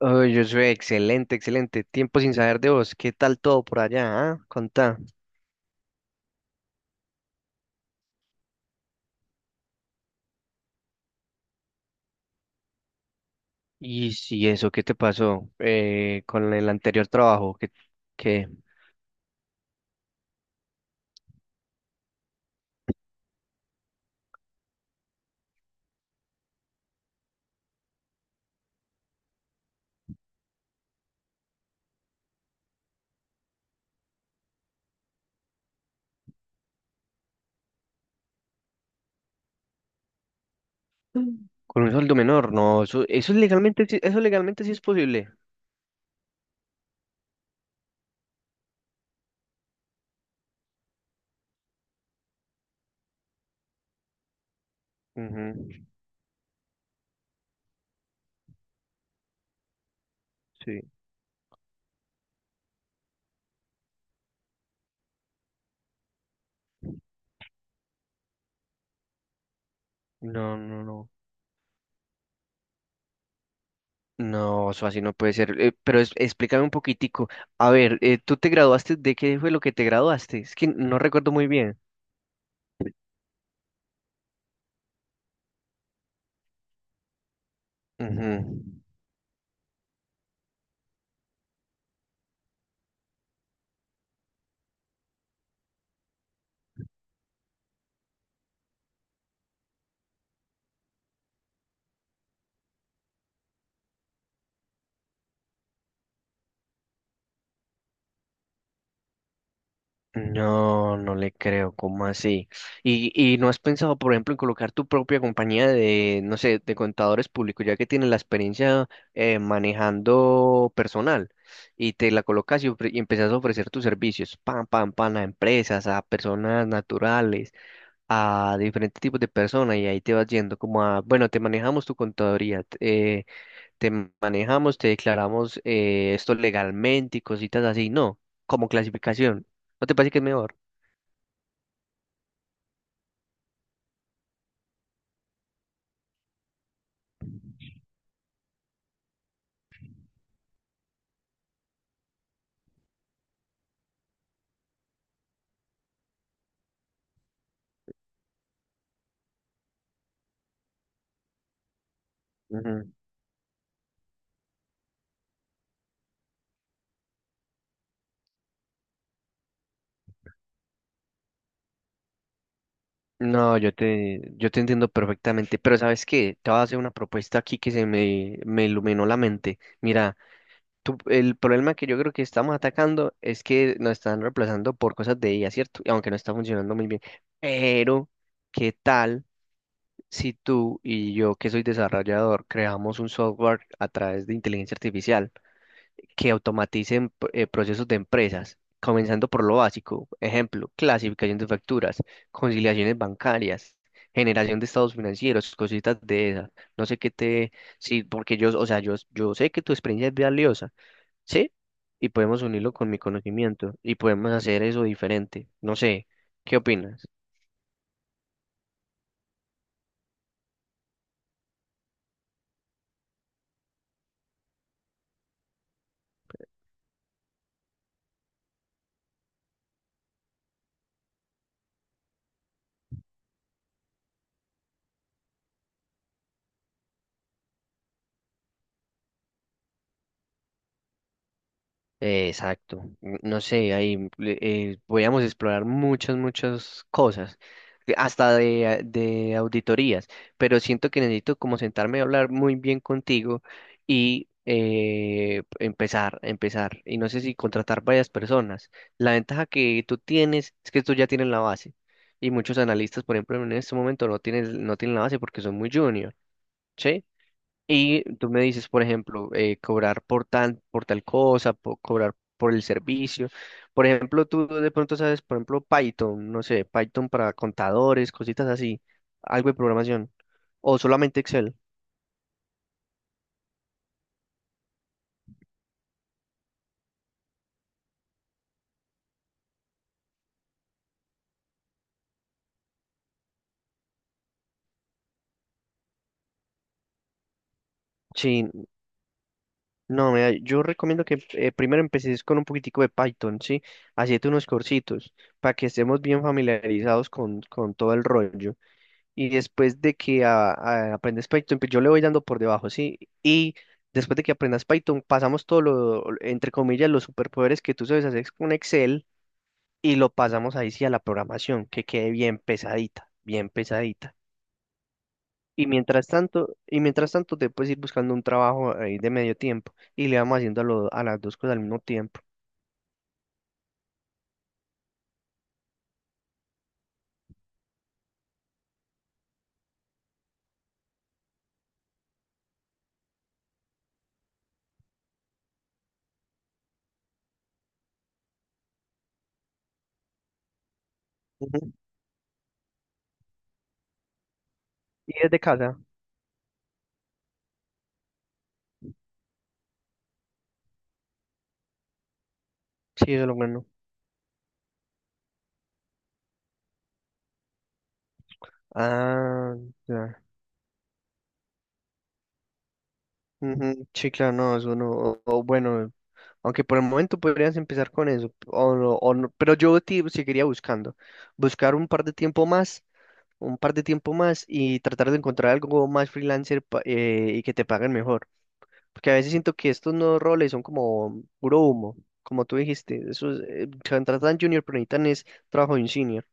Oh, yo soy excelente, excelente. Tiempo sin saber de vos. ¿Qué tal todo por allá? Ah, contá. Y si eso, ¿qué te pasó con el anterior trabajo? ¿Qué? Mm. Con un sueldo menor, no, eso es legalmente, eso legalmente sí es posible. Ujú. Sí. No, no, no. No, eso así no puede ser. Pero explícame un poquitico. A ver, ¿tú te graduaste? ¿De qué fue lo que te graduaste? Es que no recuerdo muy bien. Ujú. No, no le creo, ¿cómo así? Y no has pensado, por ejemplo, en colocar tu propia compañía de, no sé, de contadores públicos, ya que tienes la experiencia manejando personal y te la colocas y empezás a ofrecer tus servicios, pam, pam, pam, a empresas, a personas naturales, a diferentes tipos de personas y ahí te vas yendo como a, bueno, te manejamos tu contaduría, te manejamos, te declaramos esto legalmente y cositas así, no, como clasificación. ¿No te parece que es mejor? Ujú. No, yo te entiendo perfectamente, pero ¿sabes qué? Te voy a hacer una propuesta aquí me iluminó la mente. Mira, el problema que yo creo que estamos atacando es que nos están reemplazando por cosas de IA, ¿cierto? Y aunque no está funcionando muy bien. Pero, ¿qué tal si tú y yo, que soy desarrollador, creamos un software a través de inteligencia artificial, que automaticen procesos de empresas, comenzando por lo básico, ejemplo, clasificación de facturas, conciliaciones bancarias, generación de estados financieros, cositas de esas. No sé qué te, sí, porque yo, o sea, yo sé que tu experiencia es valiosa, ¿sí? Y podemos unirlo con mi conocimiento y podemos hacer eso diferente. No sé, ¿qué opinas? Exacto. No sé, podíamos explorar muchas, muchas cosas, que hasta de, de auditorías, pero siento que necesito como sentarme a hablar muy bien contigo y empezar, y no sé si contratar varias personas. La ventaja que tú tienes es que tú ya tienes la base, y muchos analistas, por ejemplo, en este momento no tienen la base porque son muy junior, ¿sí? Y tú me dices, por ejemplo, por tal cosa, cobrar por el servicio. Por ejemplo, tú de pronto sabes, por ejemplo, Python, no sé, Python para contadores, cositas así, algo de programación. O solamente Excel. Sí, no, mira, yo recomiendo que primero empecés con un poquitico de Python, ¿sí? Hacete unos cursitos para que estemos bien familiarizados con todo el rollo. Y después de que aprendes Python, pues yo le voy dando por debajo, ¿sí? Y después de que aprendas Python, pasamos todo lo, entre comillas, los superpoderes que tú sabes hacer con Excel y lo pasamos ahí sí a la programación, que quede bien pesadita, bien pesadita. Y mientras tanto te puedes ir buscando un trabajo ahí de medio tiempo y le vamos haciendo a, a las dos cosas al mismo tiempo. Ujú. Y desde casa, sí, eso es lo bueno. Ah, ya. Ujú. Sí, claro, no, eso no. O bueno, aunque por el momento podrías empezar con eso, o no, pero yo te seguiría buscando, buscar un par de tiempo más, un par de tiempo más y tratar de encontrar algo más freelancer y que te paguen mejor, porque a veces siento que estos nuevos roles son como puro humo, como tú dijiste, eso es, contratan junior, pero necesitan es trabajo de un senior.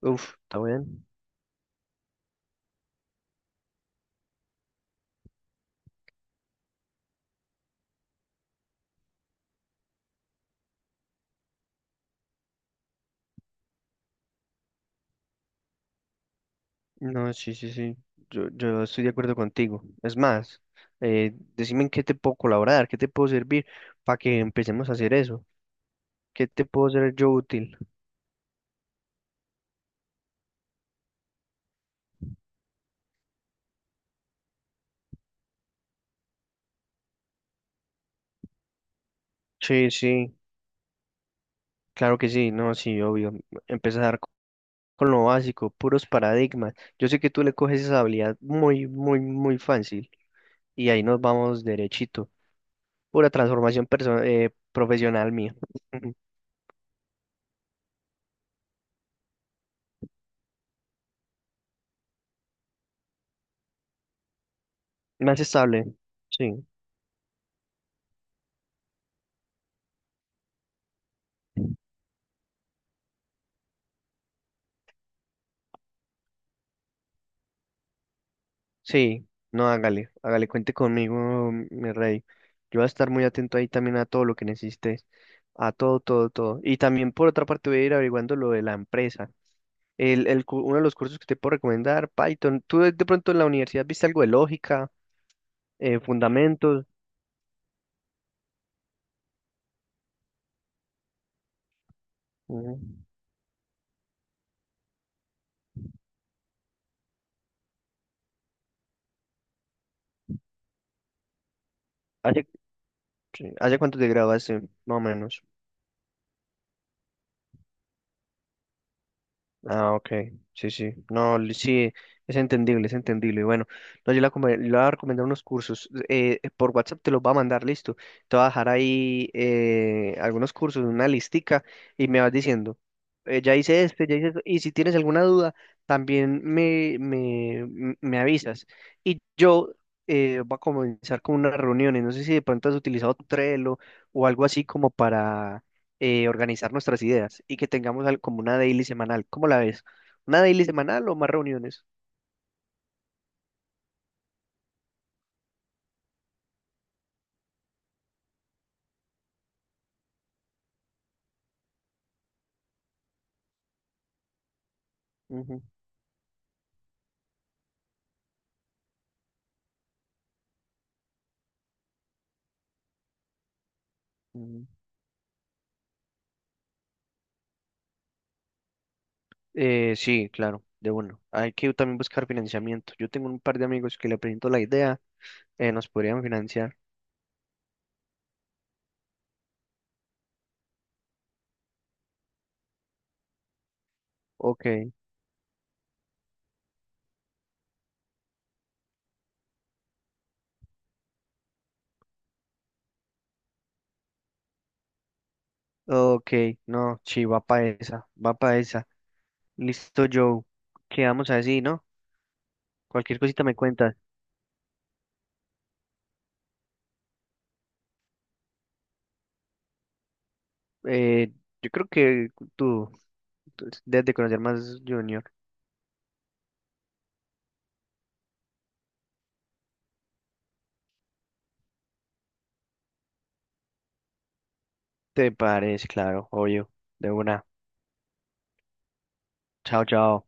Uf, está bien. No, sí, sí, sí, yo estoy de acuerdo contigo. Es más, decime en qué te puedo colaborar, qué te puedo servir para que empecemos a hacer eso. ¿Qué te puedo ser yo útil? Sí, sí, claro que sí, no, sí, obvio. Empezar con lo básico, puros paradigmas. Yo sé que tú le coges esa habilidad muy, muy, muy fácil y ahí nos vamos derechito. Pura transformación profesional mía. Ujú. Más estable. Sí, sí, no, hágale, hágale, cuente conmigo, mi rey. Yo voy a estar muy atento ahí también a todo lo que necesites, a todo, todo, todo. Y también por otra parte voy a ir averiguando lo de la empresa. Uno de los cursos que te puedo recomendar, Python. ¿Tú de pronto en la universidad viste algo de lógica, fundamentos? Ujú. ¿Hace, sí, hace cuánto te graduaste, más o menos? Ah, ok, sí, sí, no, sí, es entendible, es entendible. Y bueno, no, le voy a recomendar unos cursos, por WhatsApp te los va a mandar, listo. Te voy a dejar ahí algunos cursos, una listica, y me vas diciendo, ya hice este, ya hice esto, y si tienes alguna duda, también me avisas. Y yo voy a comenzar con unas reuniones, no sé si de pronto has utilizado Trello o algo así como para organizar nuestras ideas y que tengamos como una daily semanal. ¿Cómo la ves? ¿Una daily semanal o más reuniones? Ujú, ujú. Sí, claro, de uno. Hay que también buscar financiamiento. Yo tengo un par de amigos que le presento la idea, nos podrían financiar. Ok, ok, no, sí, va para esa, va para esa. Listo, Joe. Quedamos así, ¿no? Cualquier cosita me cuentas. Eh, yo creo que tú tú debes de conocer más junior. Te parece, claro, obvio, de una. Chao, chao.